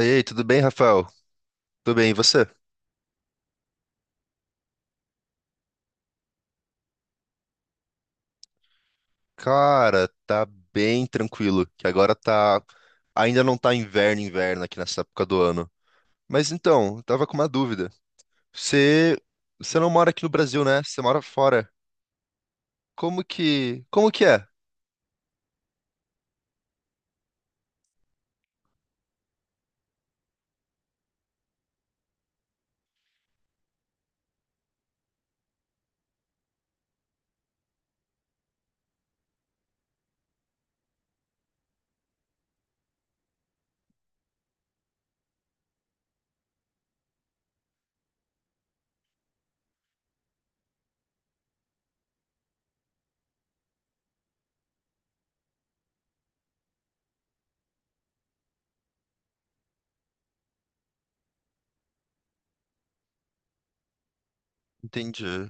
Ei, tudo bem, Rafael? Tudo bem, e você? Cara, tá bem tranquilo, que agora tá... Ainda não tá inverno aqui nessa época do ano. Mas então, eu tava com uma dúvida. Você... Você não mora aqui no Brasil, né? Você mora fora. Como que é? Entendi.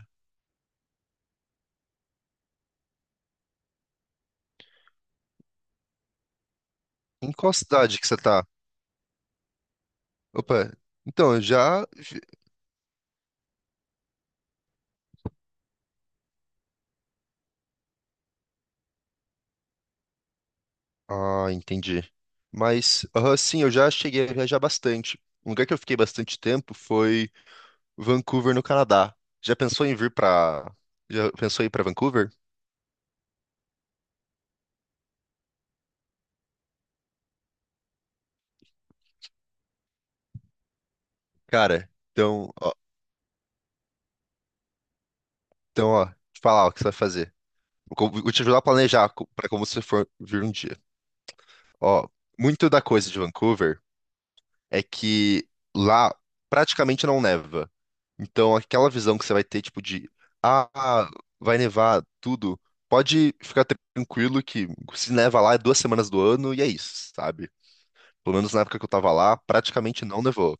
Em qual cidade que você tá? Opa, então, Ah, entendi. Mas, aham, sim, eu já cheguei a viajar bastante. Um lugar que eu fiquei bastante tempo foi Vancouver, no Canadá. Já pensou em vir pra. Já pensou em ir pra Vancouver? Cara, então, ó, então, ó, te falar o que você vai fazer. Vou te ajudar a pra como você for vir um dia. Ó, muito da coisa de Vancouver é que lá praticamente não neva. Então, aquela visão que você vai ter, tipo, de ah, vai nevar tudo, pode ficar tranquilo que, se neva lá, é 2 semanas do ano e é isso, sabe? Pelo menos na época que eu tava lá, praticamente não nevou.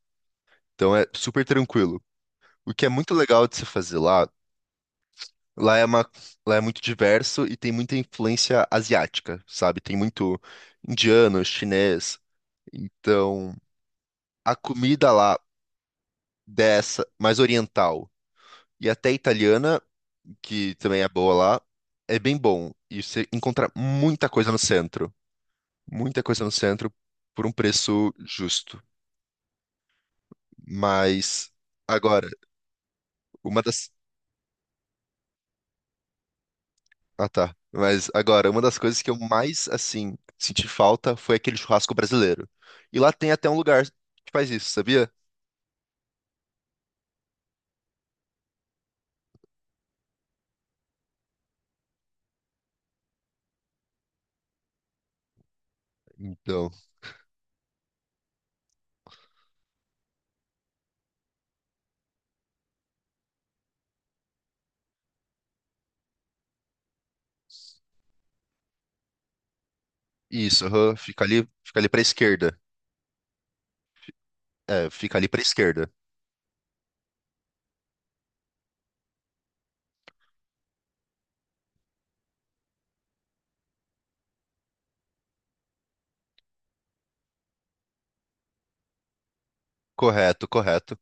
Então é super tranquilo. O que é muito legal de se fazer lá, lá é uma, lá é muito diverso e tem muita influência asiática, sabe? Tem muito indiano, chinês. Então, a comida lá dessa, mais oriental e até italiana, que também é boa lá, é bem bom. E você encontra muita coisa no centro, muita coisa no centro por um preço justo. Mas agora, uma das Ah, tá. Mas agora, uma das coisas que eu mais, assim, senti falta foi aquele churrasco brasileiro. E lá tem até um lugar que faz isso, sabia? Então, isso, aham, fica ali pra esquerda. É, fica ali pra esquerda. Correto, correto.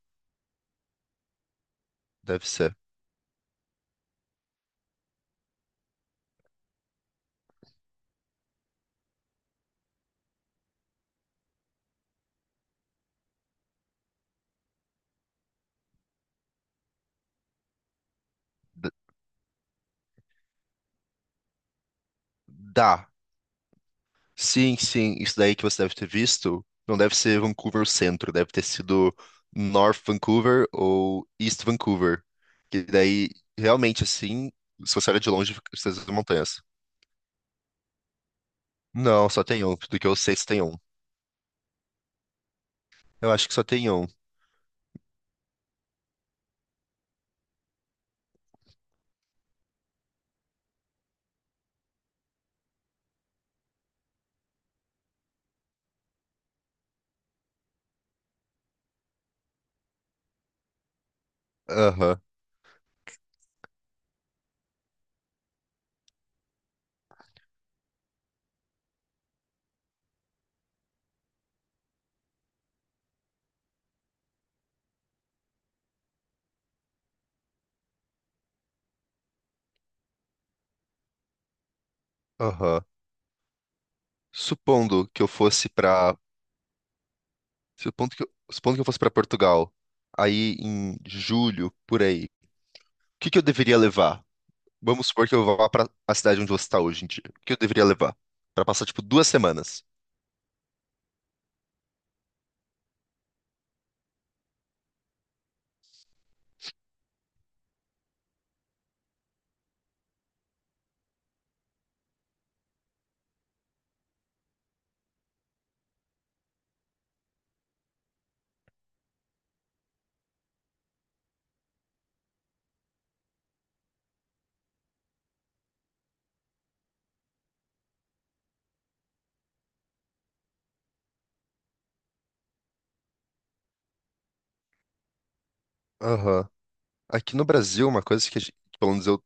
Deve ser. D- dá. Sim, sim, isso daí que você deve ter visto não deve ser Vancouver Centro, deve ter sido North Vancouver ou East Vancouver. Que daí, realmente, assim, se você olha de longe, fica essas montanhas. Não, só tem um. Do que eu sei, só tem um. Eu acho que só tem um. Aham, aham. Supondo que eu fosse pra. Supondo que eu fosse pra Portugal, aí em julho, por aí, o que que eu deveria levar? Vamos supor que eu vá pra a cidade onde você está hoje em dia. O que eu deveria levar? Pra passar, tipo, 2 semanas. Aham. Aqui no Brasil, uma coisa que, a gente- pelo menos eu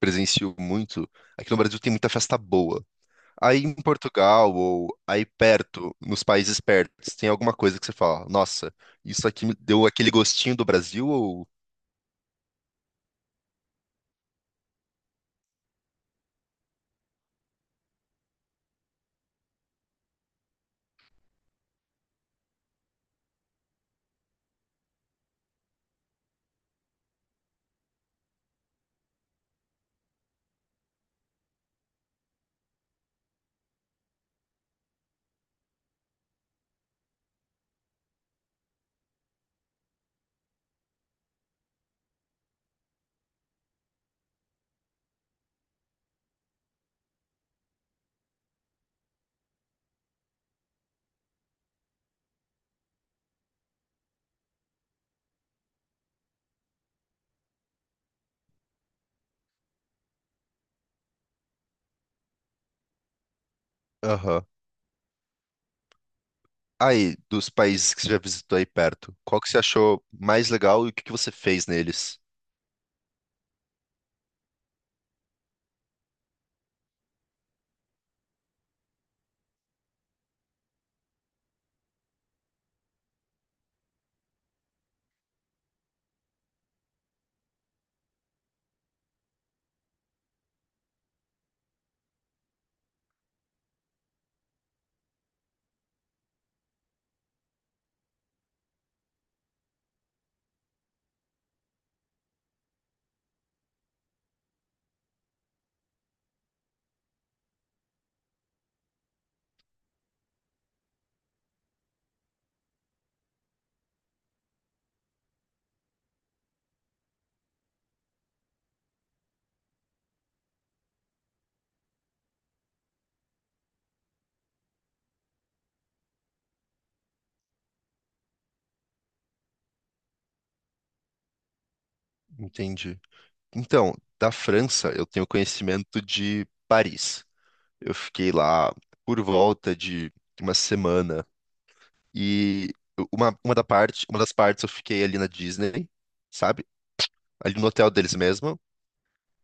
presencio muito, aqui no Brasil tem muita festa boa. Aí em Portugal ou aí perto, nos países pertos, tem alguma coisa que você fala, nossa, isso aqui me deu aquele gostinho do Brasil ou... Aham. Aí, dos países que você já visitou aí perto, qual que você achou mais legal e o que que você fez neles? Entendi. Então, da França, eu tenho conhecimento de Paris. Eu fiquei lá por volta de uma semana e uma das partes eu fiquei ali na Disney, sabe? Ali no hotel deles mesmo.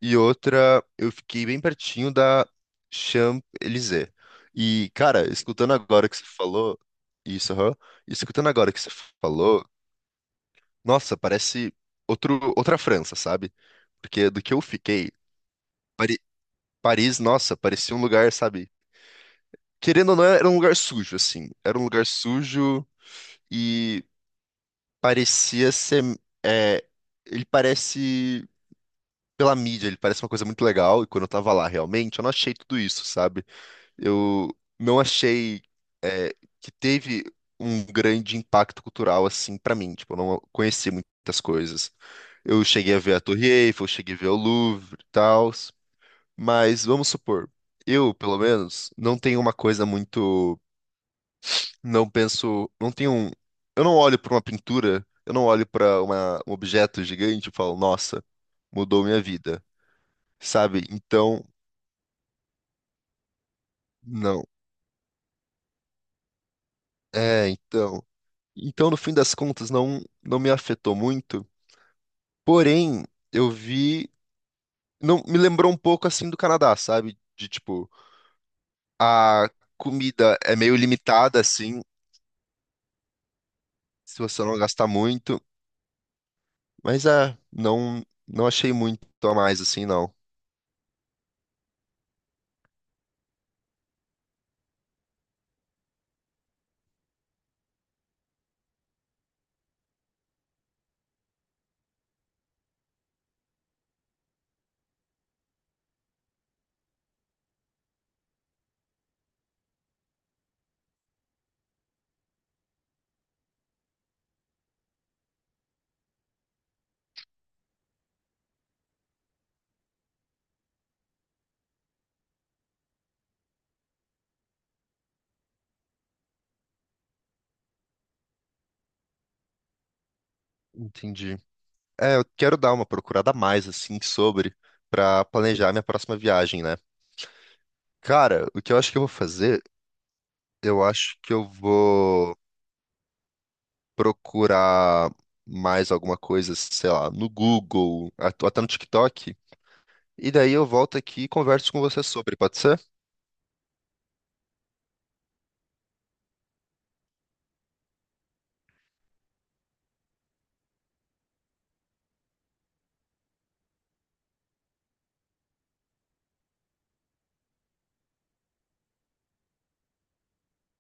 E outra, eu fiquei bem pertinho da Champs-Élysées. E, cara, escutando agora que você falou, isso, aham, e escutando agora que você falou, nossa, parece outra França, sabe? Porque do que eu fiquei, Pari- Paris, nossa, parecia um lugar, sabe? Querendo ou não, era um lugar sujo, assim. Era um lugar sujo e parecia ser. É, ele parece. Pela mídia, ele parece uma coisa muito legal, e quando eu tava lá, realmente, eu não achei tudo isso, sabe? Eu não achei que teve um grande impacto cultural assim pra mim. Tipo, eu não conheci muitas coisas. Eu cheguei a ver a Torre Eiffel, cheguei a ver o Louvre e tal, mas vamos supor, eu, pelo menos, não tenho uma coisa muito, não penso, não tenho um, eu não olho pra uma pintura, eu não olho pra um objeto gigante e falo, nossa, mudou minha vida, sabe? Então, não. É, então, então no fim das contas não me afetou muito. Porém, eu vi. Não, me lembrou um pouco assim do Canadá, sabe? De tipo, a comida é meio limitada, assim, se você não gastar muito. Mas é, não, não achei muito a mais, assim, não. Entendi. É, eu quero dar uma procurada a mais, assim, sobre, pra planejar minha próxima viagem, né? Cara, o que eu acho que eu vou fazer, eu acho que eu vou procurar mais alguma coisa, sei lá, no Google, até no TikTok. E daí eu volto aqui e converso com você sobre, pode ser?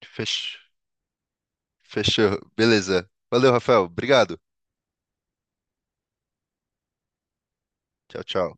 Fech... Fechou. Beleza. Valeu, Rafael. Obrigado. Tchau, tchau.